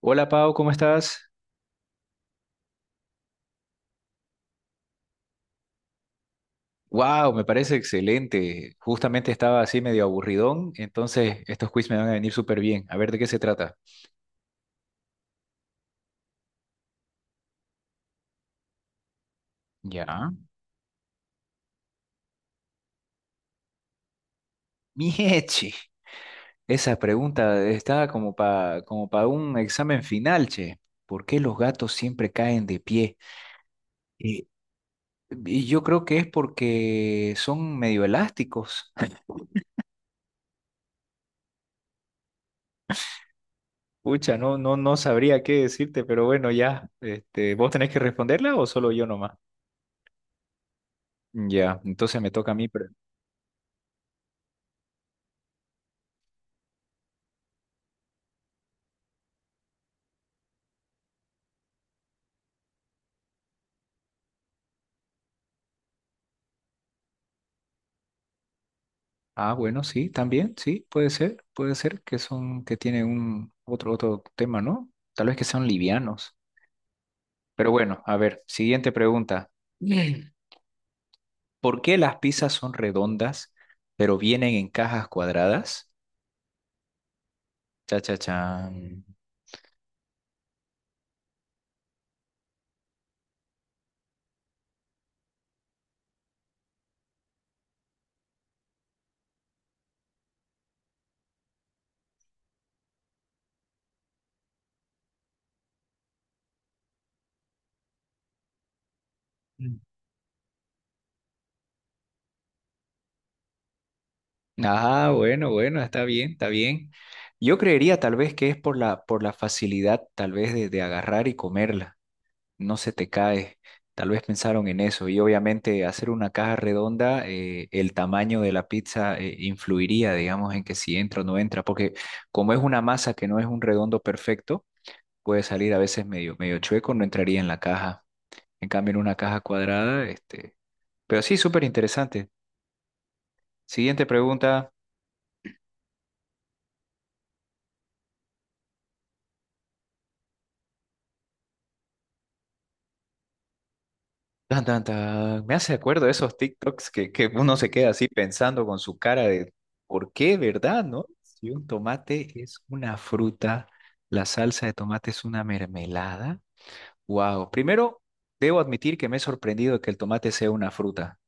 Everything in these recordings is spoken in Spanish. Hola Pau, ¿cómo estás? Wow, me parece excelente. Justamente estaba así medio aburridón, entonces estos quiz me van a venir súper bien. A ver de qué se trata. Ya. Mieche, esa pregunta está como para un examen final, che. ¿Por qué los gatos siempre caen de pie? Y, y yo creo que es porque son medio elásticos. Pucha, no, no, no sabría qué decirte, pero bueno, ya. Este, ¿vos tenés que responderla o solo yo nomás? Ya, entonces me toca a mí. Ah, bueno, sí, también, sí, puede ser que son, que tienen un otro tema, ¿no? Tal vez que sean livianos. Pero bueno, a ver, siguiente pregunta. Mm. ¿Por qué las pizzas son redondas, pero vienen en cajas cuadradas? Cha, cha, chan. Mm. Ah, bueno, bueno, está bien, está bien. Yo creería tal vez que es por la facilidad, tal vez, de agarrar y comerla. No se te cae. Tal vez pensaron en eso y obviamente hacer una caja redonda, el tamaño de la pizza influiría, digamos, en que si entra o no entra, porque como es una masa que no es un redondo perfecto, puede salir a veces medio, medio chueco, no entraría en la caja. En cambio, en una caja cuadrada. Pero sí, súper interesante. Siguiente pregunta. Tan, tan, tan. Me hace acuerdo de esos TikToks que uno se queda así pensando con su cara de ¿por qué, verdad, no? Si un tomate es una fruta, la salsa de tomate es una mermelada. Wow. Primero, debo admitir que me he sorprendido que el tomate sea una fruta,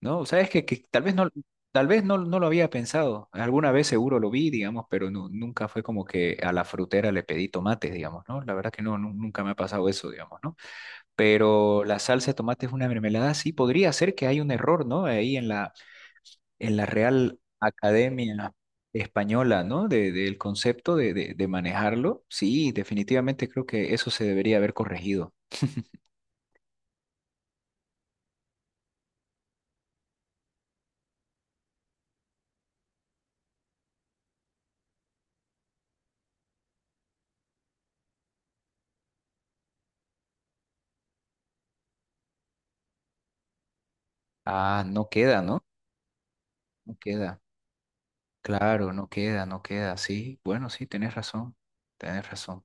¿no? Sabes que tal vez no lo había pensado. Alguna vez seguro lo vi, digamos, pero nunca fue como que a la frutera le pedí tomates, digamos, ¿no? La verdad que no, nunca me ha pasado eso, digamos, ¿no? Pero la salsa de tomate es una mermelada, sí, podría ser que hay un error, ¿no? Ahí en la Real Academia Española, ¿no? Del concepto de manejarlo. Sí, definitivamente creo que eso se debería haber corregido. Ah, no queda, ¿no? No queda. Claro, no queda, no queda. Sí, bueno, sí, tenés razón. Tenés razón.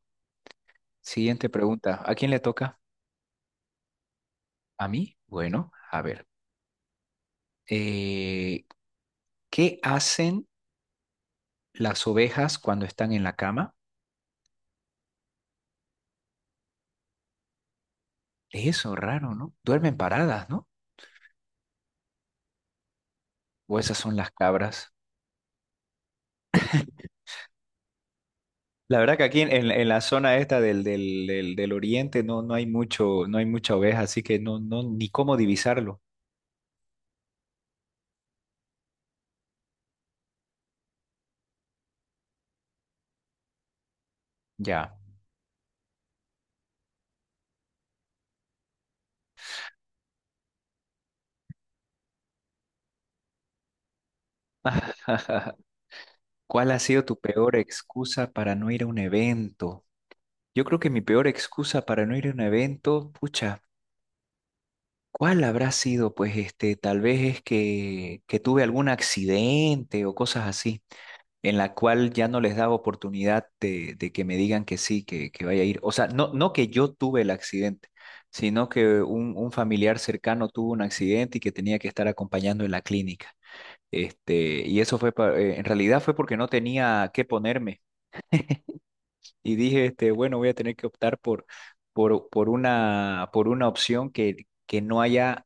Siguiente pregunta. ¿A quién le toca? ¿A mí? Bueno, a ver. Eh, ¿Qué hacen las ovejas cuando están en la cama? Eso, raro, ¿no? Duermen paradas, ¿no? O esas son las cabras. La verdad que aquí en la zona esta del oriente no, no hay mucho, no hay mucha oveja, así que no, ni cómo divisarlo. Ya. ¿Cuál ha sido tu peor excusa para no ir a un evento? Yo creo que mi peor excusa para no ir a un evento, pucha, ¿cuál habrá sido? Pues este, tal vez es que tuve algún accidente o cosas así. En la cual ya no les daba oportunidad de que me digan que sí, que vaya a ir. O sea, no que yo tuve el accidente, sino que un familiar cercano tuvo un accidente y que tenía que estar acompañando en la clínica. Este, y eso fue, en realidad fue porque no tenía qué ponerme y dije, este, bueno, voy a tener que optar por una opción que no haya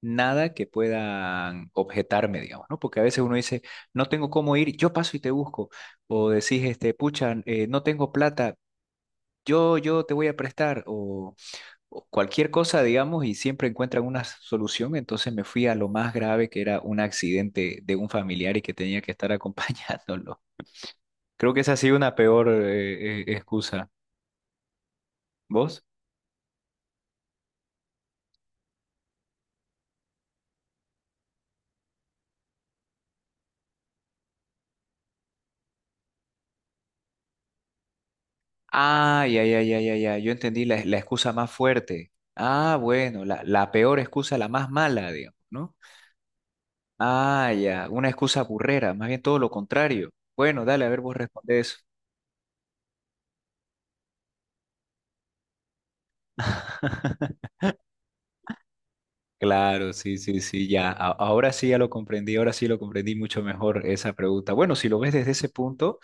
nada que puedan objetarme, digamos, ¿no? Porque a veces uno dice, no tengo cómo ir, yo paso y te busco, o decís, este, pucha, no tengo plata, yo te voy a prestar, o cualquier cosa, digamos, y siempre encuentran una solución, entonces me fui a lo más grave, que era un accidente de un familiar y que tenía que estar acompañándolo. Creo que esa ha sido una peor excusa. ¿Vos? Ah, ya, ya, ya, ya, ya. Yo entendí la excusa más fuerte. Ah, bueno, la peor excusa, la más mala, digamos, ¿no? Ah, ya, una excusa burrera, más bien todo lo contrario. Bueno, dale, a ver, vos responde eso. Claro, sí, sí, sí, ya. Ahora sí ya lo comprendí, ahora sí lo comprendí mucho mejor esa pregunta. Bueno, si lo ves desde ese punto,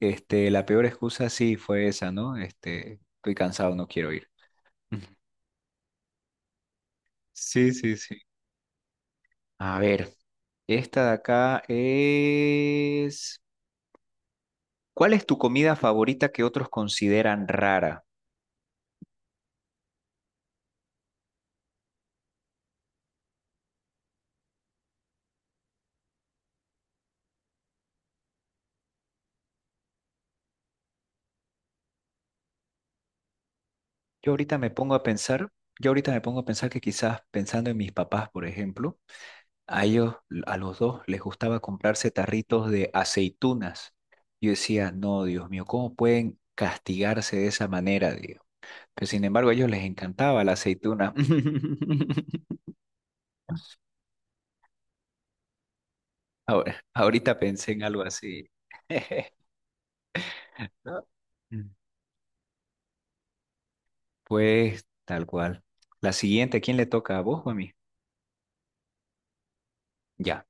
este, la peor excusa sí fue esa, ¿no? Este, estoy cansado, no quiero ir. Sí, sí, sí. A ver, esta de acá es. ¿Cuál es tu comida favorita que otros consideran rara? Yo ahorita me pongo a pensar, yo ahorita me pongo a pensar que quizás pensando en mis papás, por ejemplo, a ellos, a los dos les gustaba comprarse tarritos de aceitunas. Yo decía, no, Dios mío, ¿cómo pueden castigarse de esa manera, Dios? Pero sin embargo, a ellos les encantaba la aceituna. Ahora, ahorita pensé en algo así. ¿No? Mm. Pues, tal cual. La siguiente, ¿a quién le toca, a vos o a mí? Ya.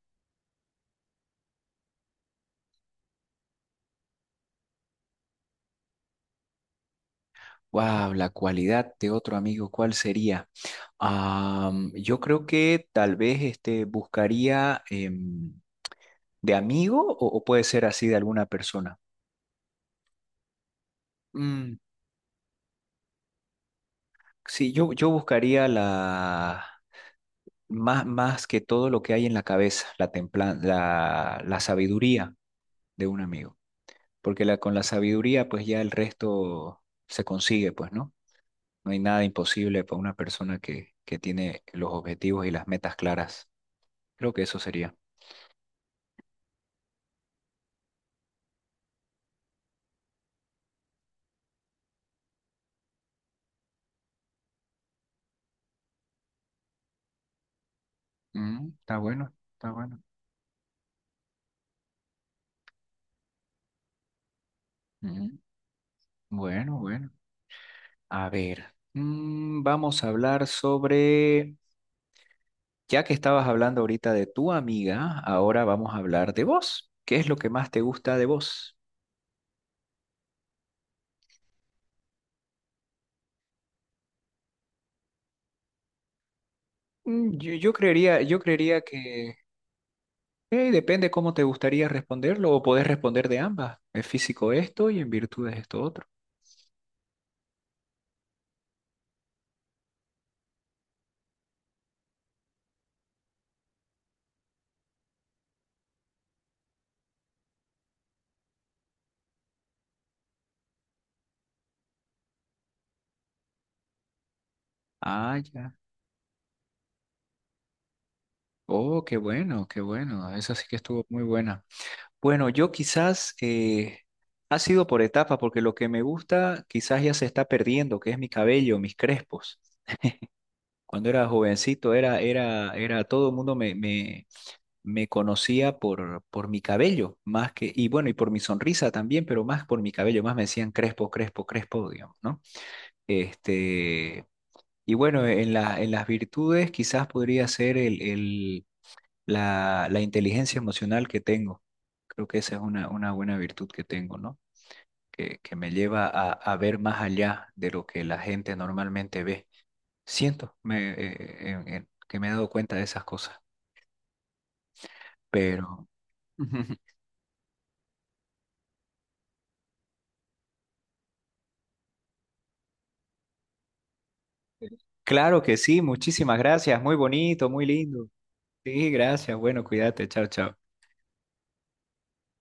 Wow, la cualidad de otro amigo, ¿cuál sería? Yo creo que tal vez este, buscaría de amigo o puede ser así de alguna persona. Mm, sí, yo buscaría la más que todo lo que hay en la cabeza, la sabiduría de un amigo. Porque con la sabiduría, pues ya el resto se consigue, pues, ¿no? No hay nada imposible para una persona que tiene los objetivos y las metas claras. Creo que eso sería. Mm, está bueno, está bueno. Mm, bueno, bueno. A ver, vamos a hablar sobre, ya que estabas hablando ahorita de tu amiga, ahora vamos a hablar de vos. ¿Qué es lo que más te gusta de vos? Mm, yo creería que depende cómo te gustaría responderlo o podés responder de ambas. Es físico esto y en virtud es esto otro. Ah, ya. Oh, qué bueno, qué bueno. Esa sí que estuvo muy buena. Bueno, yo quizás ha sido por etapa, porque lo que me gusta quizás ya se está perdiendo, que es mi cabello, mis crespos. Cuando era jovencito, todo el mundo me conocía por mi cabello, y bueno, y por mi sonrisa también, pero más por mi cabello, más me decían Crespo, Crespo, Crespo, digamos, ¿no? Este, y bueno, en las virtudes quizás podría ser la inteligencia emocional que tengo. Creo que esa es una buena virtud que tengo, ¿no? Que me lleva a ver más allá de lo que la gente normalmente ve. Siento que me he dado cuenta de esas cosas, pero. Claro que sí, muchísimas gracias, muy bonito, muy lindo. Sí, gracias, bueno, cuídate, chao, chao.